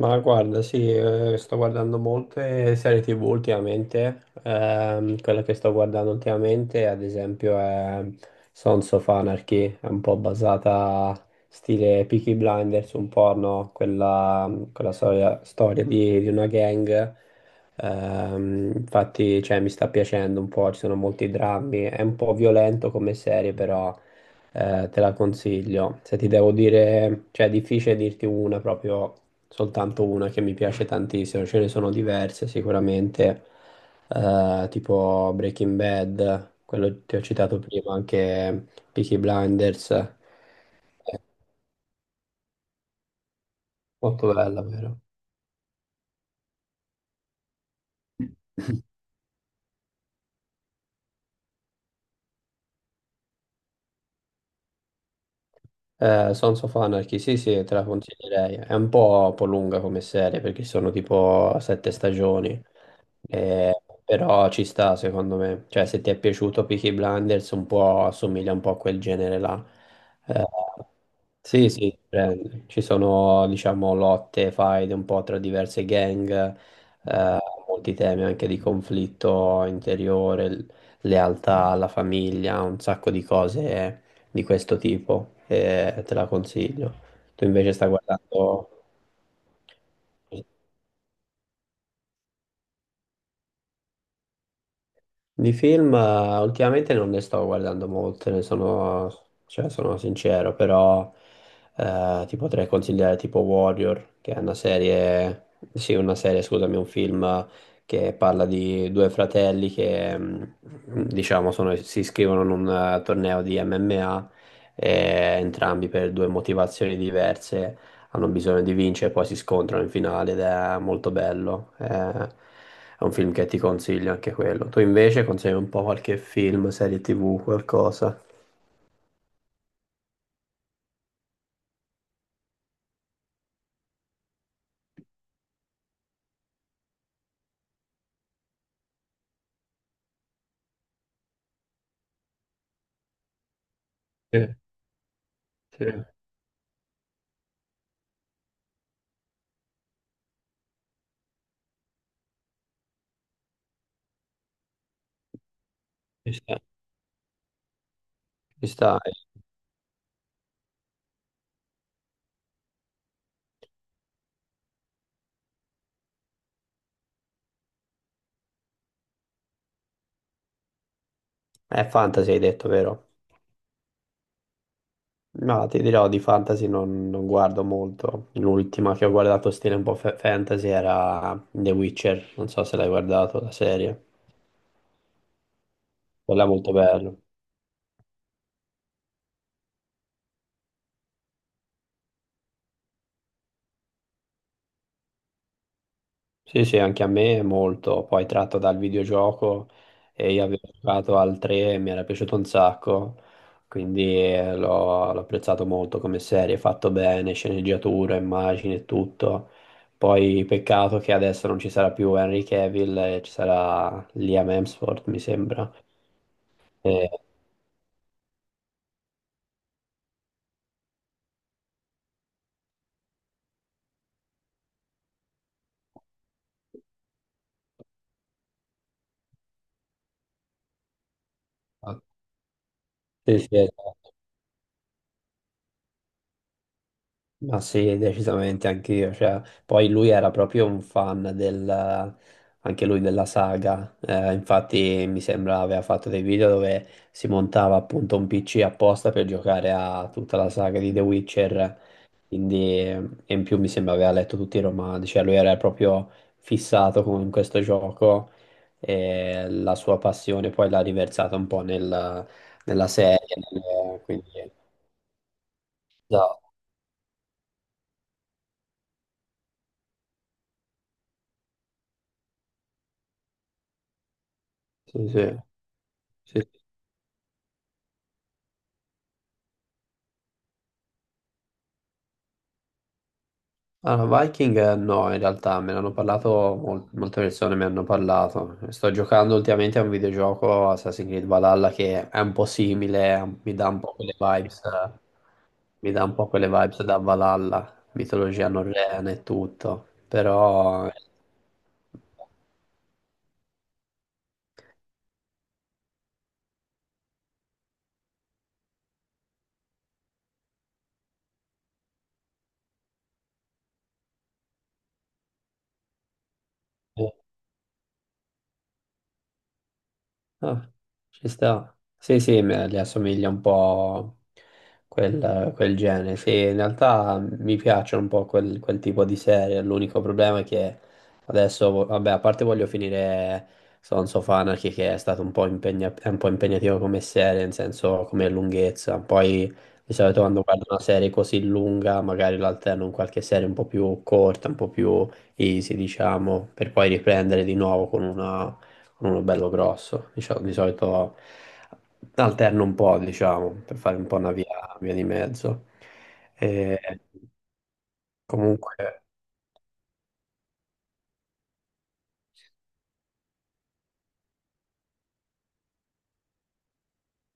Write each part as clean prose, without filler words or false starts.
Ma guarda, sì, sto guardando molte serie TV ultimamente. Quella che sto guardando ultimamente, ad esempio, è Sons of Anarchy, è un po' basata stile Peaky Blinders, un po', no? Quella storia di una gang. Infatti, cioè, mi sta piacendo un po', ci sono molti drammi. È un po' violento come serie, però. Te la consiglio. Se ti devo dire, cioè è difficile dirti una proprio soltanto una che mi piace tantissimo, ce ne sono diverse sicuramente, tipo Breaking Bad, quello che ti ho citato prima, anche Peaky Blinders, molto bella, vero? Sons of Anarchy, sì, sì, te la consiglierei. È un po' lunga come serie perché sono tipo 7 stagioni. Eh, Però ci sta secondo me. Cioè, se ti è piaciuto Peaky Blinders, un po' assomiglia un po' a quel genere là. Eh, sì, sì, prende. Ci sono, diciamo, lotte, faide un po' tra diverse gang, eh, molti temi anche di conflitto interiore, lealtà alla famiglia, un sacco di cose di questo tipo e te la consiglio. Tu invece stai guardando di film, ultimamente non ne sto guardando molte, ne sono, cioè, sono sincero, però ti potrei consigliare tipo Warrior, che è una serie, sì, una serie, scusami, un film che parla di due fratelli che diciamo si iscrivono in un torneo di MMA, e entrambi per due motivazioni diverse hanno bisogno di vincere, poi si scontrano in finale ed è molto bello. È un film che ti consiglio anche quello. Tu invece consigli un po' qualche film, serie TV, qualcosa. Ci sta. Ci sta, è fantasy hai detto, vero? No, ti dirò di fantasy non guardo molto. L'ultima che ho guardato stile un po' fantasy era The Witcher, non so se l'hai guardato la serie. Quella è molto bella. Sì, sì, anche a me è molto, poi tratto dal videogioco e io avevo giocato al 3 e mi era piaciuto un sacco, quindi l'ho apprezzato molto come serie, fatto bene, sceneggiatura, immagini e tutto. Poi peccato che adesso non ci sarà più Henry Cavill, ci sarà Liam Hemsworth, mi sembra. Eh, sì, sì, esatto. Ma sì, decisamente anch'io. Cioè, poi lui era proprio un fan del, anche lui della saga. Infatti, mi sembra aveva fatto dei video dove si montava appunto un PC apposta per giocare a tutta la saga di The Witcher. Quindi, e in più mi sembra aveva letto tutti i romanzi. Cioè, lui era proprio fissato con questo gioco e la sua passione poi l'ha riversata un po' nella serie. Quindi, esatto, sì, sì. Sì, allora, Viking no, in realtà me ne hanno parlato, molte persone mi hanno parlato. Sto giocando ultimamente a un videogioco Assassin's Creed Valhalla che è un po' simile, mi dà un po' quelle vibes da Valhalla, mitologia norrena e tutto, però. Ah, ci sta. Sì, sì, le assomiglia un po' quel genere. Sì, in realtà mi piacciono un po' quel tipo di serie. L'unico problema è che adesso, vabbè, a parte voglio finire Sons of Anarchy, che è stato un po' è un po' impegnativo come serie, nel senso come lunghezza. Poi di solito quando guardo una serie così lunga, magari l'alterno in qualche serie un po' più corta, un po' più easy, diciamo, per poi riprendere di nuovo con una uno bello grosso, diciamo. Di solito alterno un po', diciamo, per fare un po' una via di mezzo. E comunque.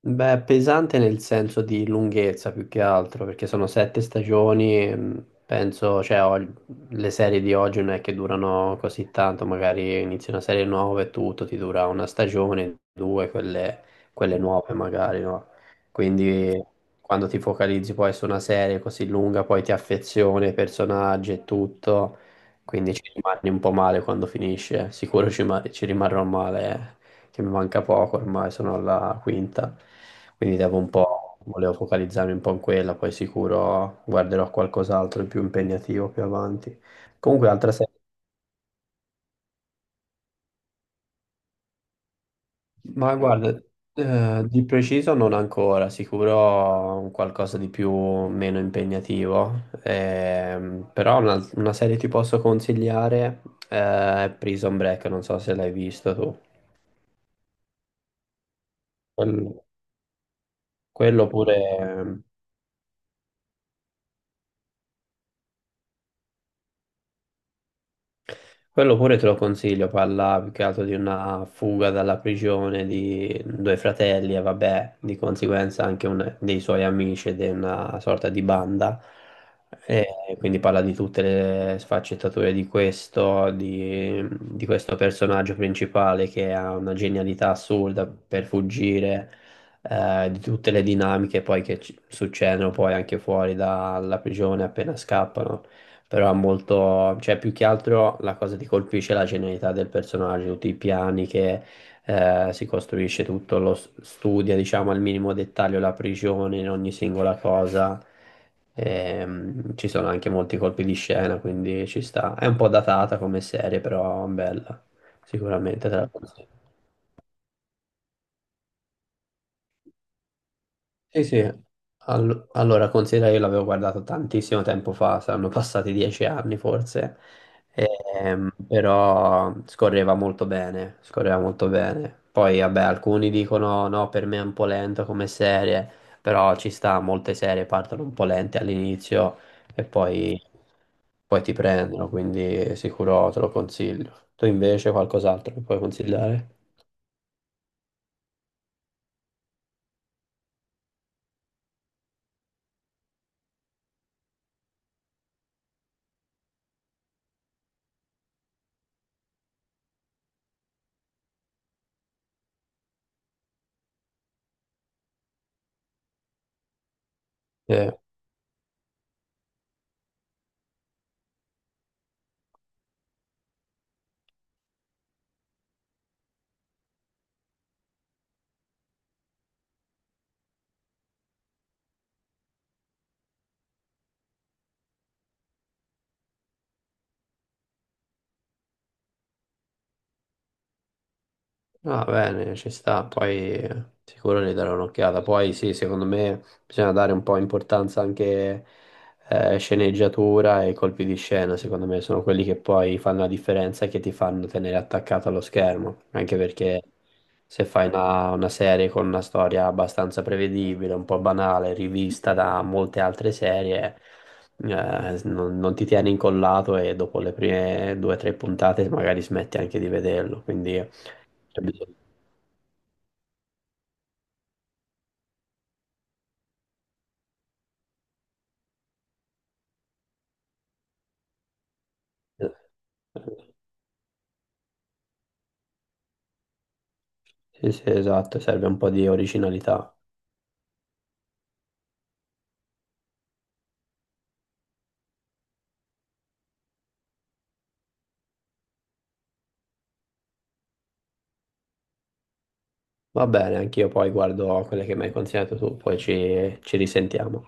Beh, pesante nel senso di lunghezza più che altro, perché sono 7 stagioni, e, penso, cioè, le serie di oggi non è che durano così tanto, magari inizi una serie nuova e tutto, ti dura una stagione, due, quelle, nuove magari, no? Quindi quando ti focalizzi poi su una serie così lunga, poi ti affezioni ai personaggi e tutto, quindi ci rimani un po' male quando finisce, sicuro ci rimarrò male, che mi manca poco, ormai sono alla quinta, quindi devo un po', volevo focalizzarmi un po' in quella, poi sicuro guarderò qualcos'altro di più impegnativo più avanti. Comunque, altra serie, ma guarda, di preciso non ancora, sicuro un qualcosa di più meno impegnativo, però una serie ti posso consigliare, è Prison Break, non so se l'hai visto tu. Quello, quello pure Quello pure te lo consiglio, parla più che altro di una fuga dalla prigione di due fratelli e vabbè, di conseguenza anche dei suoi amici ed è una sorta di banda. E quindi parla di tutte le sfaccettature di questo personaggio principale che ha una genialità assurda per fuggire, di tutte le dinamiche poi che succedono poi anche fuori dalla prigione appena scappano. Però è molto, cioè più che altro la cosa che ti colpisce è la genialità del personaggio, tutti i piani che si costruisce tutto, lo studia, diciamo, al minimo dettaglio la prigione in ogni singola cosa. Ci sono anche molti colpi di scena, quindi ci sta. È un po' datata come serie, però bella, sicuramente te la consiglio. Sì, sì. Allora, considera io l'avevo guardato tantissimo tempo fa, saranno passati 10 anni forse. Però scorreva molto bene, scorreva molto bene. Poi, vabbè, alcuni dicono no, per me è un po' lento come serie, però ci sta, molte serie partono un po' lente all'inizio e poi ti prendono, quindi sicuro te lo consiglio. Tu invece qualcos'altro che puoi consigliare? Sì. Va bene, ci sta, poi sicuro ne darò un'occhiata. Poi sì, secondo me bisogna dare un po' importanza anche sceneggiatura e colpi di scena, secondo me sono quelli che poi fanno la differenza e che ti fanno tenere attaccato allo schermo, anche perché se fai una serie con una storia abbastanza prevedibile, un po' banale, rivista da molte altre serie, non ti tieni incollato e dopo le prime due o tre puntate magari smetti anche di vederlo, quindi... Sì, sì, esatto, serve un po' di originalità. Va bene, anch'io poi guardo quelle che mi hai consigliato tu, poi ci risentiamo.